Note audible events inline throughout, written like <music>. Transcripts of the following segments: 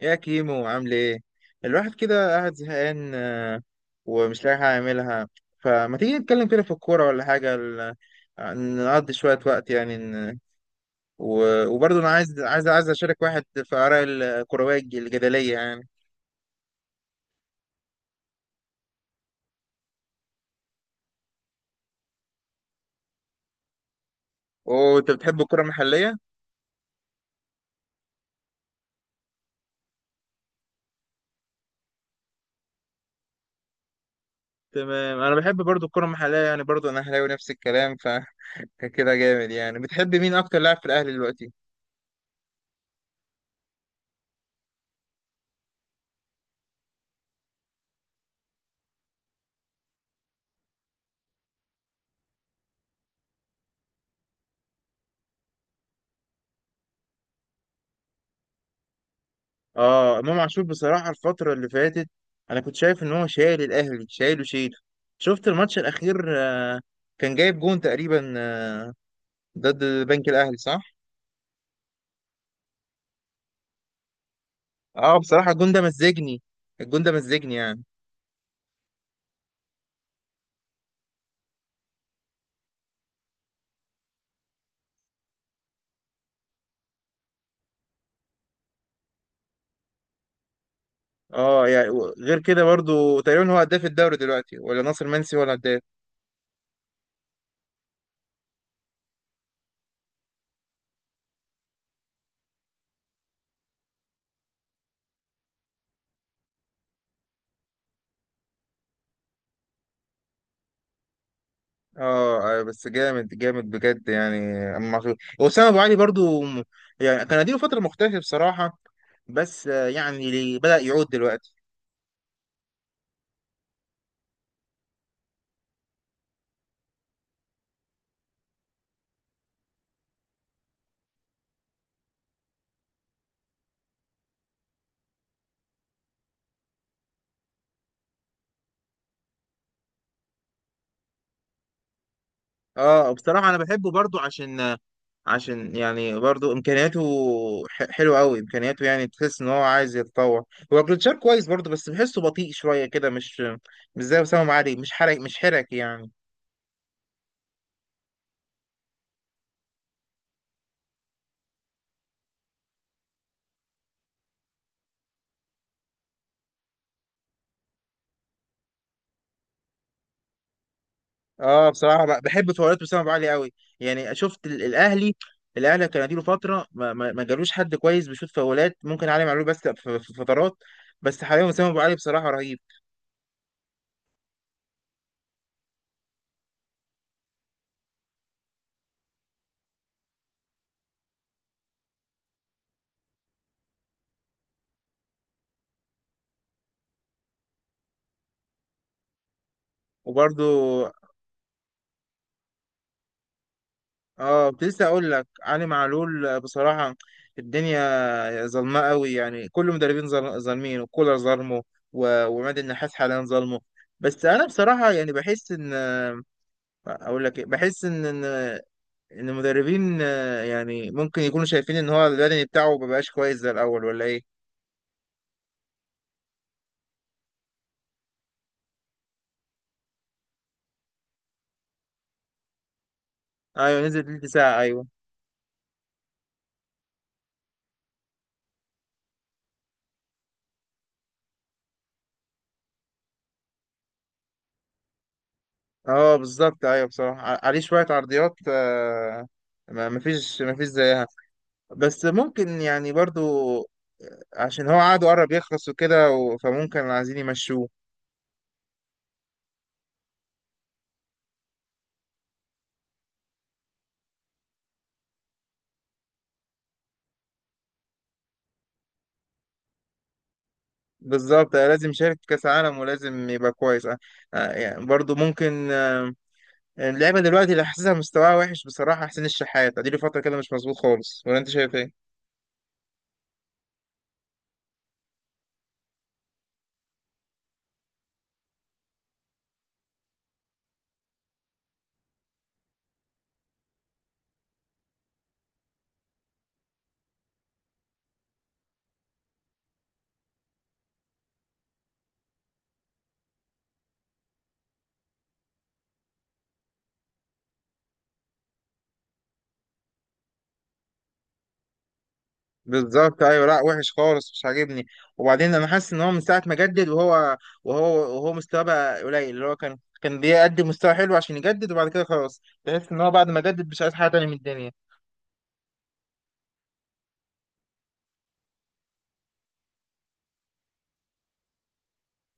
يا كيمو، عامل ايه؟ الواحد كده قاعد زهقان، ومش لاقي حاجه يعملها. فما تيجي نتكلم كده في الكوره ولا حاجه؟ نقضي شويه وقت يعني. وبرضه انا عايز اشارك واحد في اراء الكرويه الجدليه يعني. وانت بتحب الكره المحليه؟ تمام، انا بحب برضه الكره المحليه يعني. برضه انا اهلاوي، نفس الكلام فكده. <laughs> جامد يعني. بتحب مين اكتر لاعب في الاهلي دلوقتي؟ اه، امام عاشور بصراحه. الفتره اللي فاتت انا كنت شايف ان هو شايل الاهلي، شيل. شفت الماتش الاخير؟ كان جايب جون تقريبا، ضد بنك الاهلي، صح؟ اه بصراحه الجون ده مزجني، الجون ده مزجني يعني. اه يعني غير كده برضو تقريبا هو هداف الدوري دلوقتي، ولا ناصر منسي ولا هداف؟ اه، بس جامد جامد بجد يعني. امام عاشور، وسام ابو علي برضو يعني كان اديله فتره مختلفه بصراحه. بس يعني بدأ يعود دلوقتي. اه بصراحة انا بحبه برضو، عشان يعني برضو امكانياته حلوة قوي. امكانياته يعني تحس ان هو عايز يتطور. هو جلتشار كويس برضو، بس بحسه بطيء شوية كده، مش زي وسام ابو علي. مش حرك، مش حرك يعني. اه بصراحة بحب فوريات وسام ابو علي قوي. يعني شفت الاهلي، الاهلي كان اديله فترة ما جالوش حد كويس بيشوط فاولات. ممكن علي معلول، بس في فترات. بس حاليا وسام ابو علي بصراحة رهيب. وبرضو اه، كنت لسه اقول لك علي معلول بصراحه. الدنيا ظلمه قوي يعني. كل المدربين ظالمين، وكولر ظلمه، وعماد النحاس حاليا ظلمه. بس انا بصراحه يعني بحس ان، اقول لك إيه، بحس ان إن المدربين يعني ممكن يكونوا شايفين ان هو البدني بتاعه مبقاش كويس زي الاول ولا ايه. ايوه، نزل تلت ساعه، ايوه. اه بالظبط ايوه، بصراحه عليه شويه عرضيات، ما مفيش زيها. بس ممكن يعني برضو، عشان هو عقده قرب يخلص وكده، فممكن عايزين يمشوه. بالظبط، لازم يشارك في كأس عالم ولازم يبقى كويس، يعني برضه ممكن، اللعيبة دلوقتي اللي حاسسها مستواها وحش بصراحة. حسين الشحات اديله فترة كده مش مظبوط خالص، ولا انت شايف ايه؟ بالظبط ايوه، لا وحش خالص، مش عاجبني. وبعدين انا حاسس ان هو من ساعة ما جدد وهو وهو مستواه بقى قليل. اللي هو كان بيقدم مستوى حلو عشان يجدد، وبعد كده خلاص تحس ان هو بعد ما جدد مش عايز حاجة تانية من الدنيا.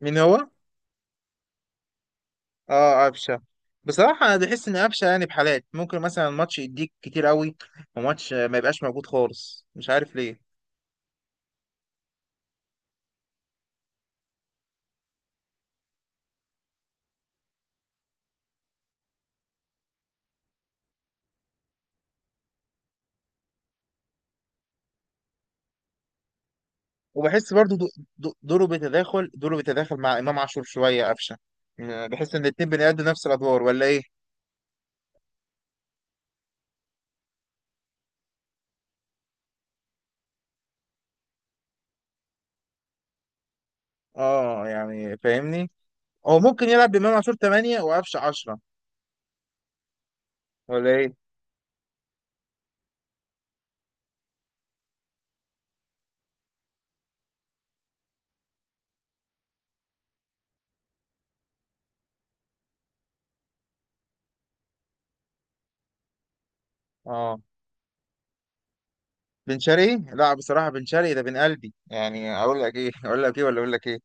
مين هو؟ اه، قفشه. بصراحه انا بحس ان قفشه يعني بحالات ممكن مثلا ماتش يديك كتير قوي، وماتش ما يبقاش موجود خالص، مش عارف ليه. وبحس برضو دوره بيتداخل، دوره بيتداخل مع امام عاشور شويه، قفشه. يعني بحس ان الاتنين بيأدوا نفس الادوار، ولا ايه؟ اه يعني فاهمني. هو ممكن يلعب بامام عاشور 8 وقفشه 10، ولا ايه؟ اه. بن شرقي، لا بصراحه بن شرقي ده بن قلبي يعني. اقول لك ايه <laughs> اقول لك ايه، ولا اقول لك ايه.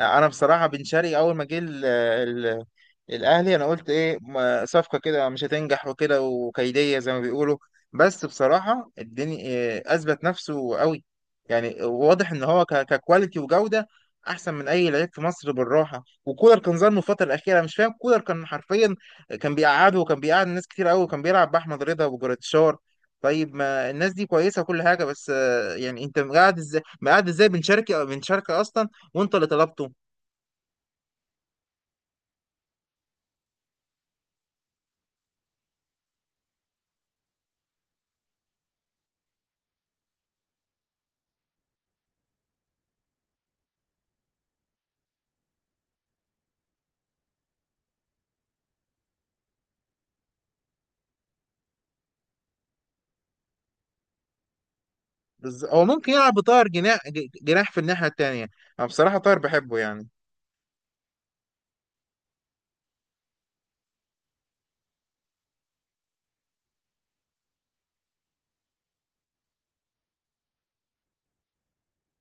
انا بصراحه بن شرقي اول ما جه الاهلي، انا قلت ايه، صفقه كده مش هتنجح وكده، وكيديه زي ما بيقولوا. بس بصراحه الدنيا إيه، اثبت نفسه قوي. يعني واضح ان هو ككواليتي وجوده احسن من اي لعيب في مصر بالراحه. وكولر كان ظلمه الفتره الاخيره، مش فاهم. كولر كان حرفيا كان بيقعده، وكان بيقعد ناس كتير قوي، وكان بيلعب باحمد رضا وجراديشار. طيب ما الناس دي كويسه وكل حاجه، بس يعني انت مقعد ازاي، مقعد ازاي بن شرقي؟ بن شرقي اصلا وانت اللي طلبته. هو ممكن يلعب بطاهر جناح، جناح في الناحيه التانيه. انا بصراحه طاهر بحبه يعني.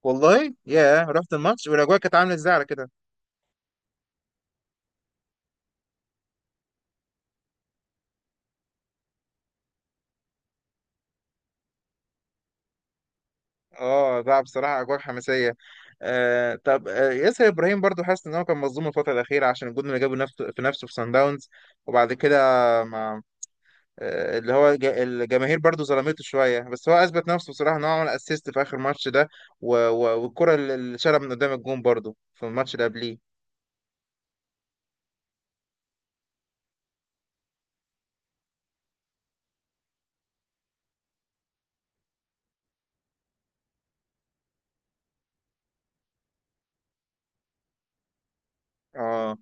والله يا، رحت الماتش؟ والاجواء كانت عامله ازاي على كده؟ اه لا بصراحه اجواء حماسيه. آه طب، آه ياسر ابراهيم برضو حاسس ان هو كان مظلوم الفتره الاخيره، عشان الجون اللي جابه نفسه في نفسه في سان داونز. وبعد كده ما، اللي هو الجماهير برضو ظلمته شويه، بس هو اثبت نفسه بصراحه، ان هو عمل اسيست في اخر ماتش ده. والكره اللي شالها من قدام الجون برضو في الماتش اللي قبليه. اه.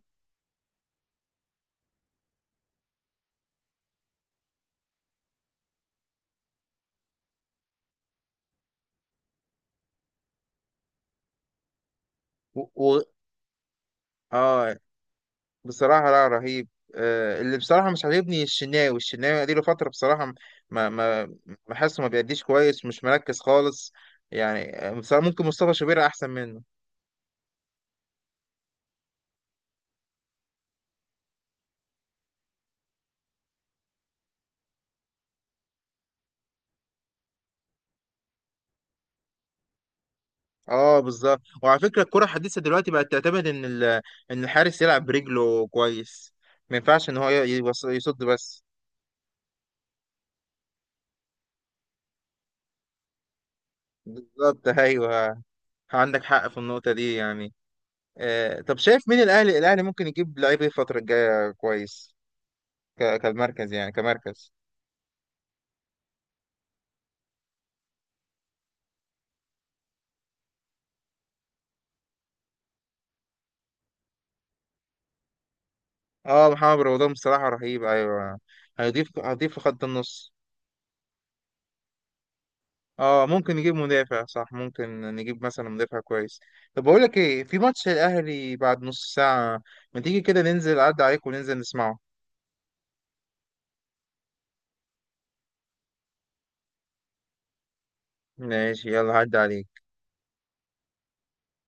و... و... اه بصراحه، لا رهيب. آه اللي بصراحه مش عاجبني الشناوي. الشناوي اديله فتره بصراحه ما ما بحسه ما بيأديش كويس، مش مركز خالص يعني. بصراحه ممكن مصطفى شوبير احسن منه. اه بالظبط، وعلى فكره الكره الحديثه دلوقتي بقت تعتمد ان ان الحارس يلعب برجله كويس. ما ينفعش ان هو يصد بس. بالظبط ايوه، عندك حق في النقطه دي يعني. آه طب، شايف مين الاهلي، الاهلي ممكن يجيب لعيب ايه الفتره الجايه كويس؟ كالمركز، يعني كمركز. اه محمد رمضان بصراحه رهيب ايوه، هيضيف، هيضيف في خط النص. اه ممكن نجيب مدافع، صح، ممكن نجيب مثلا مدافع كويس. طب بقول لك ايه، في ماتش الاهلي بعد نص ساعة، ما تيجي كده ننزل؟ عدى عليك وننزل نسمعه. ماشي، يلا عدى عليك.